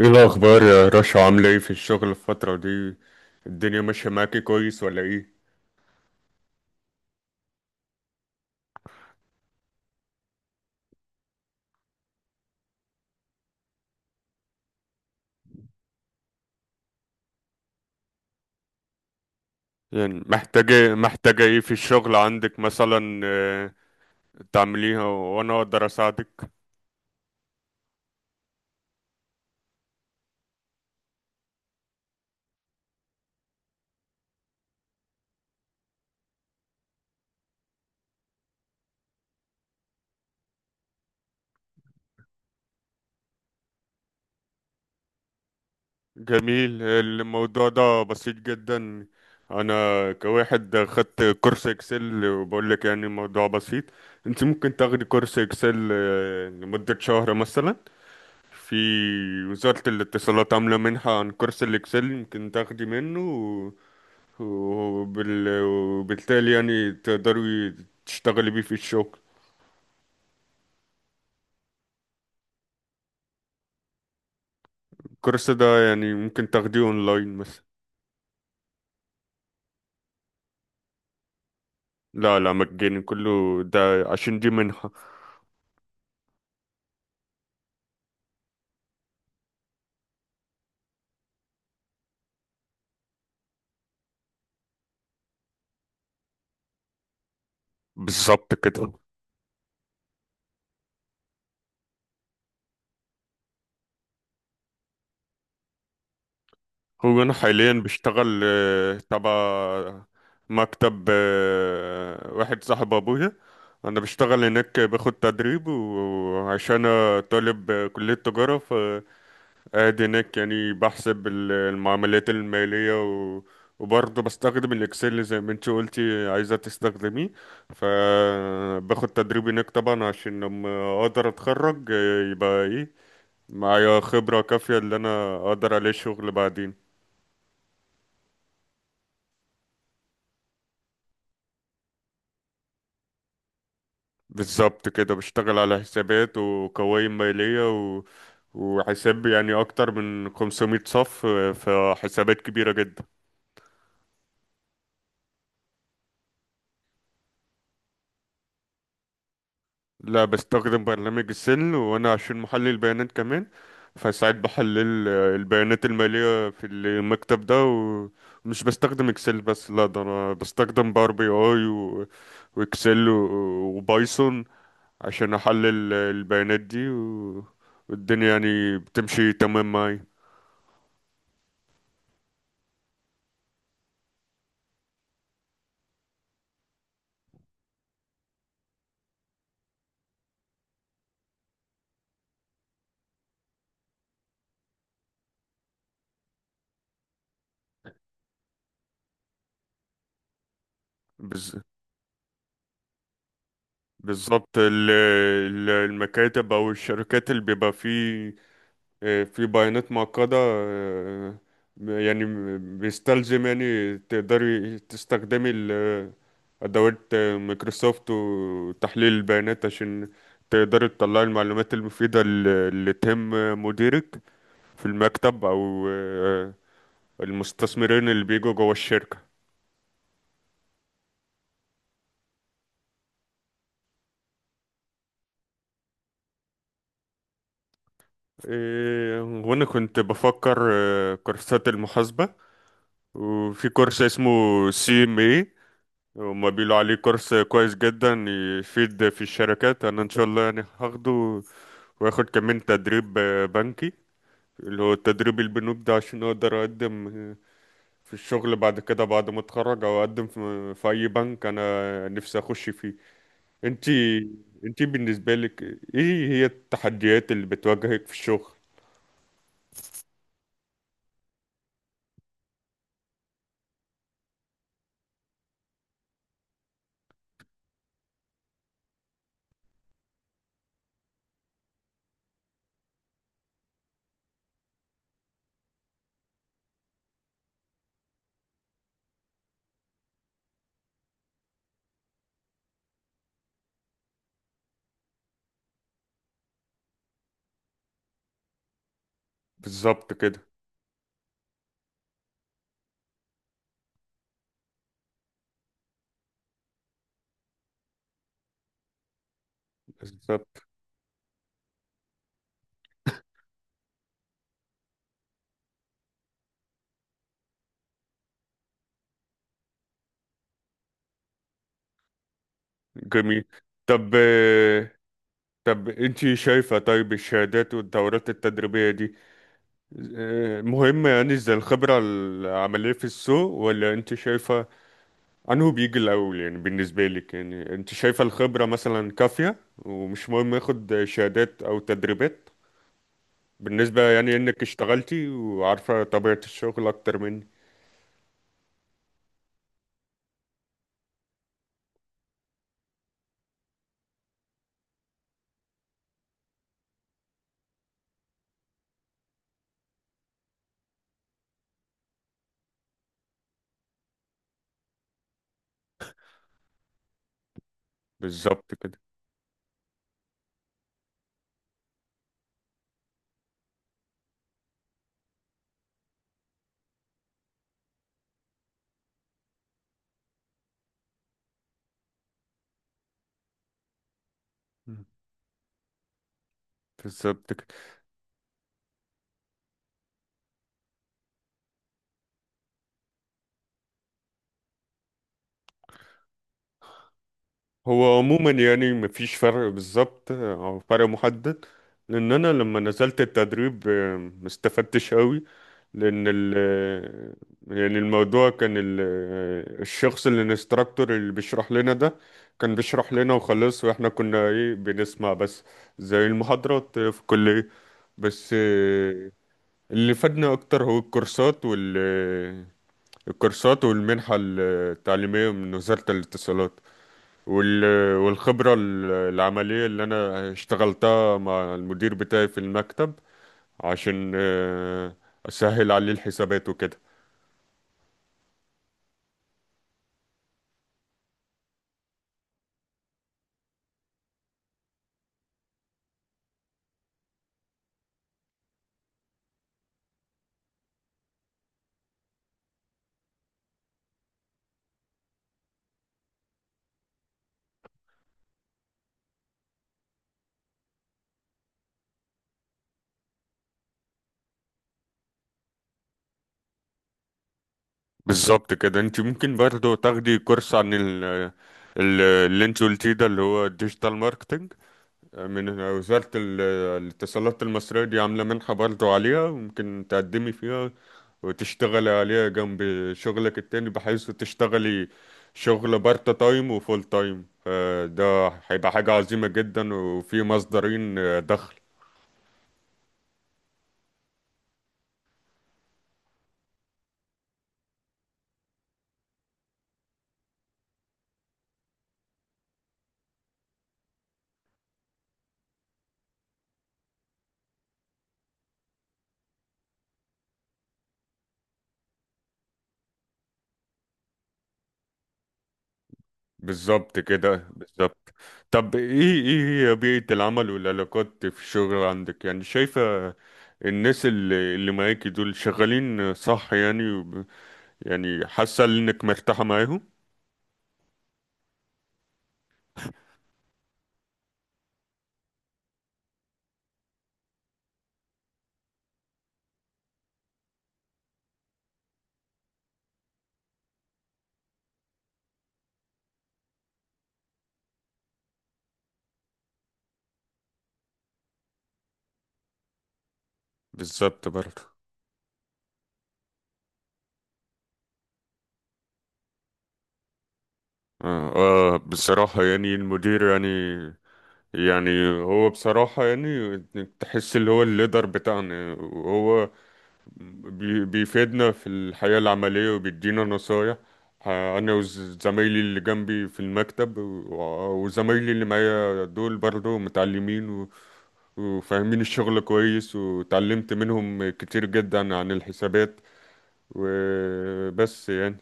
ايه الاخبار يا رشا؟ عامله ايه في الشغل الفتره دي؟ الدنيا ماشيه معاكي كويس ولا ايه؟ يعني محتاجه ايه في الشغل عندك مثلا؟ تعمليها وانا اقدر اساعدك. جميل، الموضوع ده بسيط جدا. انا كواحد خدت كورس اكسل وبقول لك يعني الموضوع بسيط. انت ممكن تاخدي كورس اكسل لمده شهر مثلا. في وزارة الاتصالات عاملة منحة عن كورس الإكسل ممكن تاخدي منه، وبالتالي يعني تقدري تشتغلي بيه في الشغل. الكورس ده يعني ممكن تاخديه اونلاين مثلا. لا، مجاني كله ده، عشان دي منحة. بالظبط كده. هو انا حاليا بشتغل تبع مكتب واحد صاحب ابويا. انا بشتغل هناك باخد تدريب، وعشان أنا طالب كلية تجارة ادي هناك يعني بحسب المعاملات المالية وبرضه بستخدم الاكسل زي ما انت قلتي عايزة تستخدميه. فباخد تدريب هناك طبعا، عشان لما اقدر اتخرج يبقى ايه، معايا خبرة كافية اللي انا اقدر عليه شغل بعدين. بالظبط كده، بشتغل على حسابات وقوائم مالية و... وحساب يعني اكتر من 500 صف، فحسابات كبيرة جدا. لا، بستخدم برنامج السل، وانا عشان محلل البيانات كمان فساعات بحلل البيانات المالية في المكتب ده. ومش بستخدم اكسل بس، لا ده انا بستخدم باور بي اي واكسل وبايثون عشان احلل البيانات دي والدنيا يعني بتمشي تمام معايا. بز- بالظبط، المكاتب او الشركات اللي بيبقى فيه في بيانات معقدة، يعني بيستلزم يعني تقدري تستخدمي أدوات مايكروسوفت وتحليل البيانات عشان تقدري تطلعي المعلومات المفيدة اللي تهم مديرك في المكتب أو المستثمرين اللي بيجوا جوا الشركة. إيه، وأنا كنت بفكر كورسات المحاسبة، وفي كورس اسمه سي ام إيه. هما بيقولوا عليه كورس كويس جدا يفيد في الشركات، انا ان شاء الله يعني هاخده. واخد كمان تدريب بنكي، اللي هو التدريب البنوك ده، عشان اقدر اقدم في الشغل بعد كده بعد ما اتخرج، او اقدم في, في اي بنك انا نفسي اخش فيه. انتي، انتي بالنسبة لك ايه هي التحديات اللي بتواجهك في الشغل؟ بالظبط كده، بالظبط. جميل. طب آه، طب انتي شايفة طيب الشهادات والدورات التدريبية دي مهم يعني زي الخبرة العملية في السوق، ولا انت شايفة انه بيجي الاول؟ يعني بالنسبة لك يعني انت شايفة الخبرة مثلا كافية ومش مهم ياخد شهادات او تدريبات، بالنسبة يعني انك اشتغلتي وعارفة طبيعة الشغل اكتر مني؟ بالظبط كده. مم. بالظبط كده. هو عموما يعني مفيش فرق بالظبط او فرق محدد، لان انا لما نزلت التدريب ما استفدتش قوي. لان ال آه، يعني الموضوع كان الشخص اللي الانستراكتور اللي بيشرح لنا ده كان بيشرح لنا وخلاص، واحنا كنا ايه، بنسمع بس، زي المحاضرات في الكلية بس. آه، اللي فادنا اكتر هو الكورسات وال آه، الكورسات والمنحة التعليمية من وزارة الاتصالات وال... والخبرة العملية اللي أنا اشتغلتها مع المدير بتاعي في المكتب عشان أسهل عليه الحسابات وكده. بالظبط كده، انت ممكن برضو تاخدي كورس عن اللي انت قلتيه ده اللي هو الديجيتال ماركتنج من وزارة الاتصالات المصرية. دي عاملة منحة برضو عليها ممكن تقدمي فيها وتشتغلي عليها جنب شغلك التاني، بحيث تشتغلي شغل بارت تايم وفول تايم. فده هيبقى حاجة عظيمة جدا، وفي مصدرين دخل. بالظبط كده، بالظبط. طب ايه، ايه هي بيئة العمل والعلاقات في الشغل عندك؟ يعني شايفة الناس اللي معاكي دول شغالين صح يعني، يعني حاسة انك مرتاحة معاهم؟ بالظبط برضه. آه, آه، بصراحة يعني المدير يعني، يعني هو بصراحة يعني تحس اللي هو الليدر بتاعنا، وهو بيفيدنا في الحياة العملية وبيدينا نصايح أنا وزمايلي اللي جنبي في المكتب، وزمايلي اللي معايا دول برضه متعلمين وفاهمين الشغل كويس، وتعلمت منهم كتير جدا عن الحسابات وبس يعني.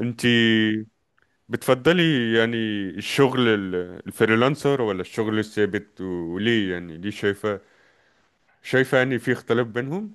انتي بتفضلي يعني الشغل الفريلانسر ولا الشغل الثابت؟ وليه يعني؟ ليه شايفة، شايفة يعني في اختلاف بينهم؟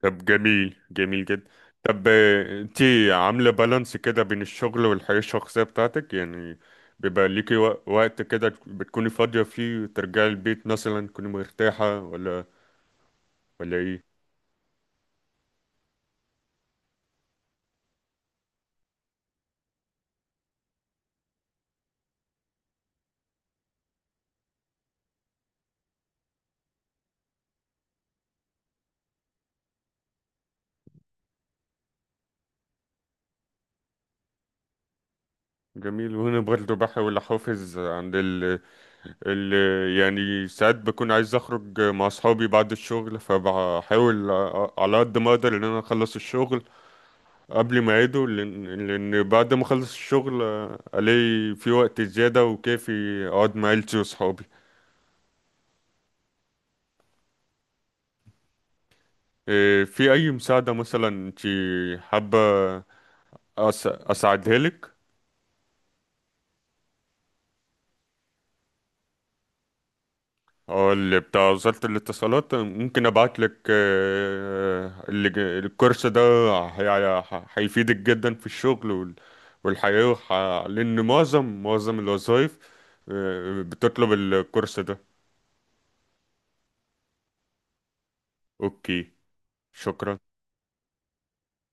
طب جميل، جميل جدا. طب آه، انتي عاملة بالانس كده بين الشغل والحياة الشخصية بتاعتك يعني؟ بيبقى ليكي وقت كده بتكوني فاضية فيه وترجعي البيت مثلا تكوني مرتاحة، ولا ولا ايه؟ جميل، وهنا برضه بحاول احافظ عند اللي يعني ساعات بكون عايز اخرج مع اصحابي بعد الشغل، فبحاول على قد ما اقدر ان انا اخلص الشغل قبل ما يعيدوا، لان لأن بعد ما اخلص الشغل الاقي في وقت زيادة وكافي اقعد مع عيلتي واصحابي. إيه، في اي مساعدة مثلا انت حابة اساعدها لك؟ اه، اللي بتاع وزارة الاتصالات، ممكن ابعت لك الكورس ده هيفيدك جدا في الشغل والحياة لان معظم الوظائف بتطلب الكورس ده. اوكي. شكرا.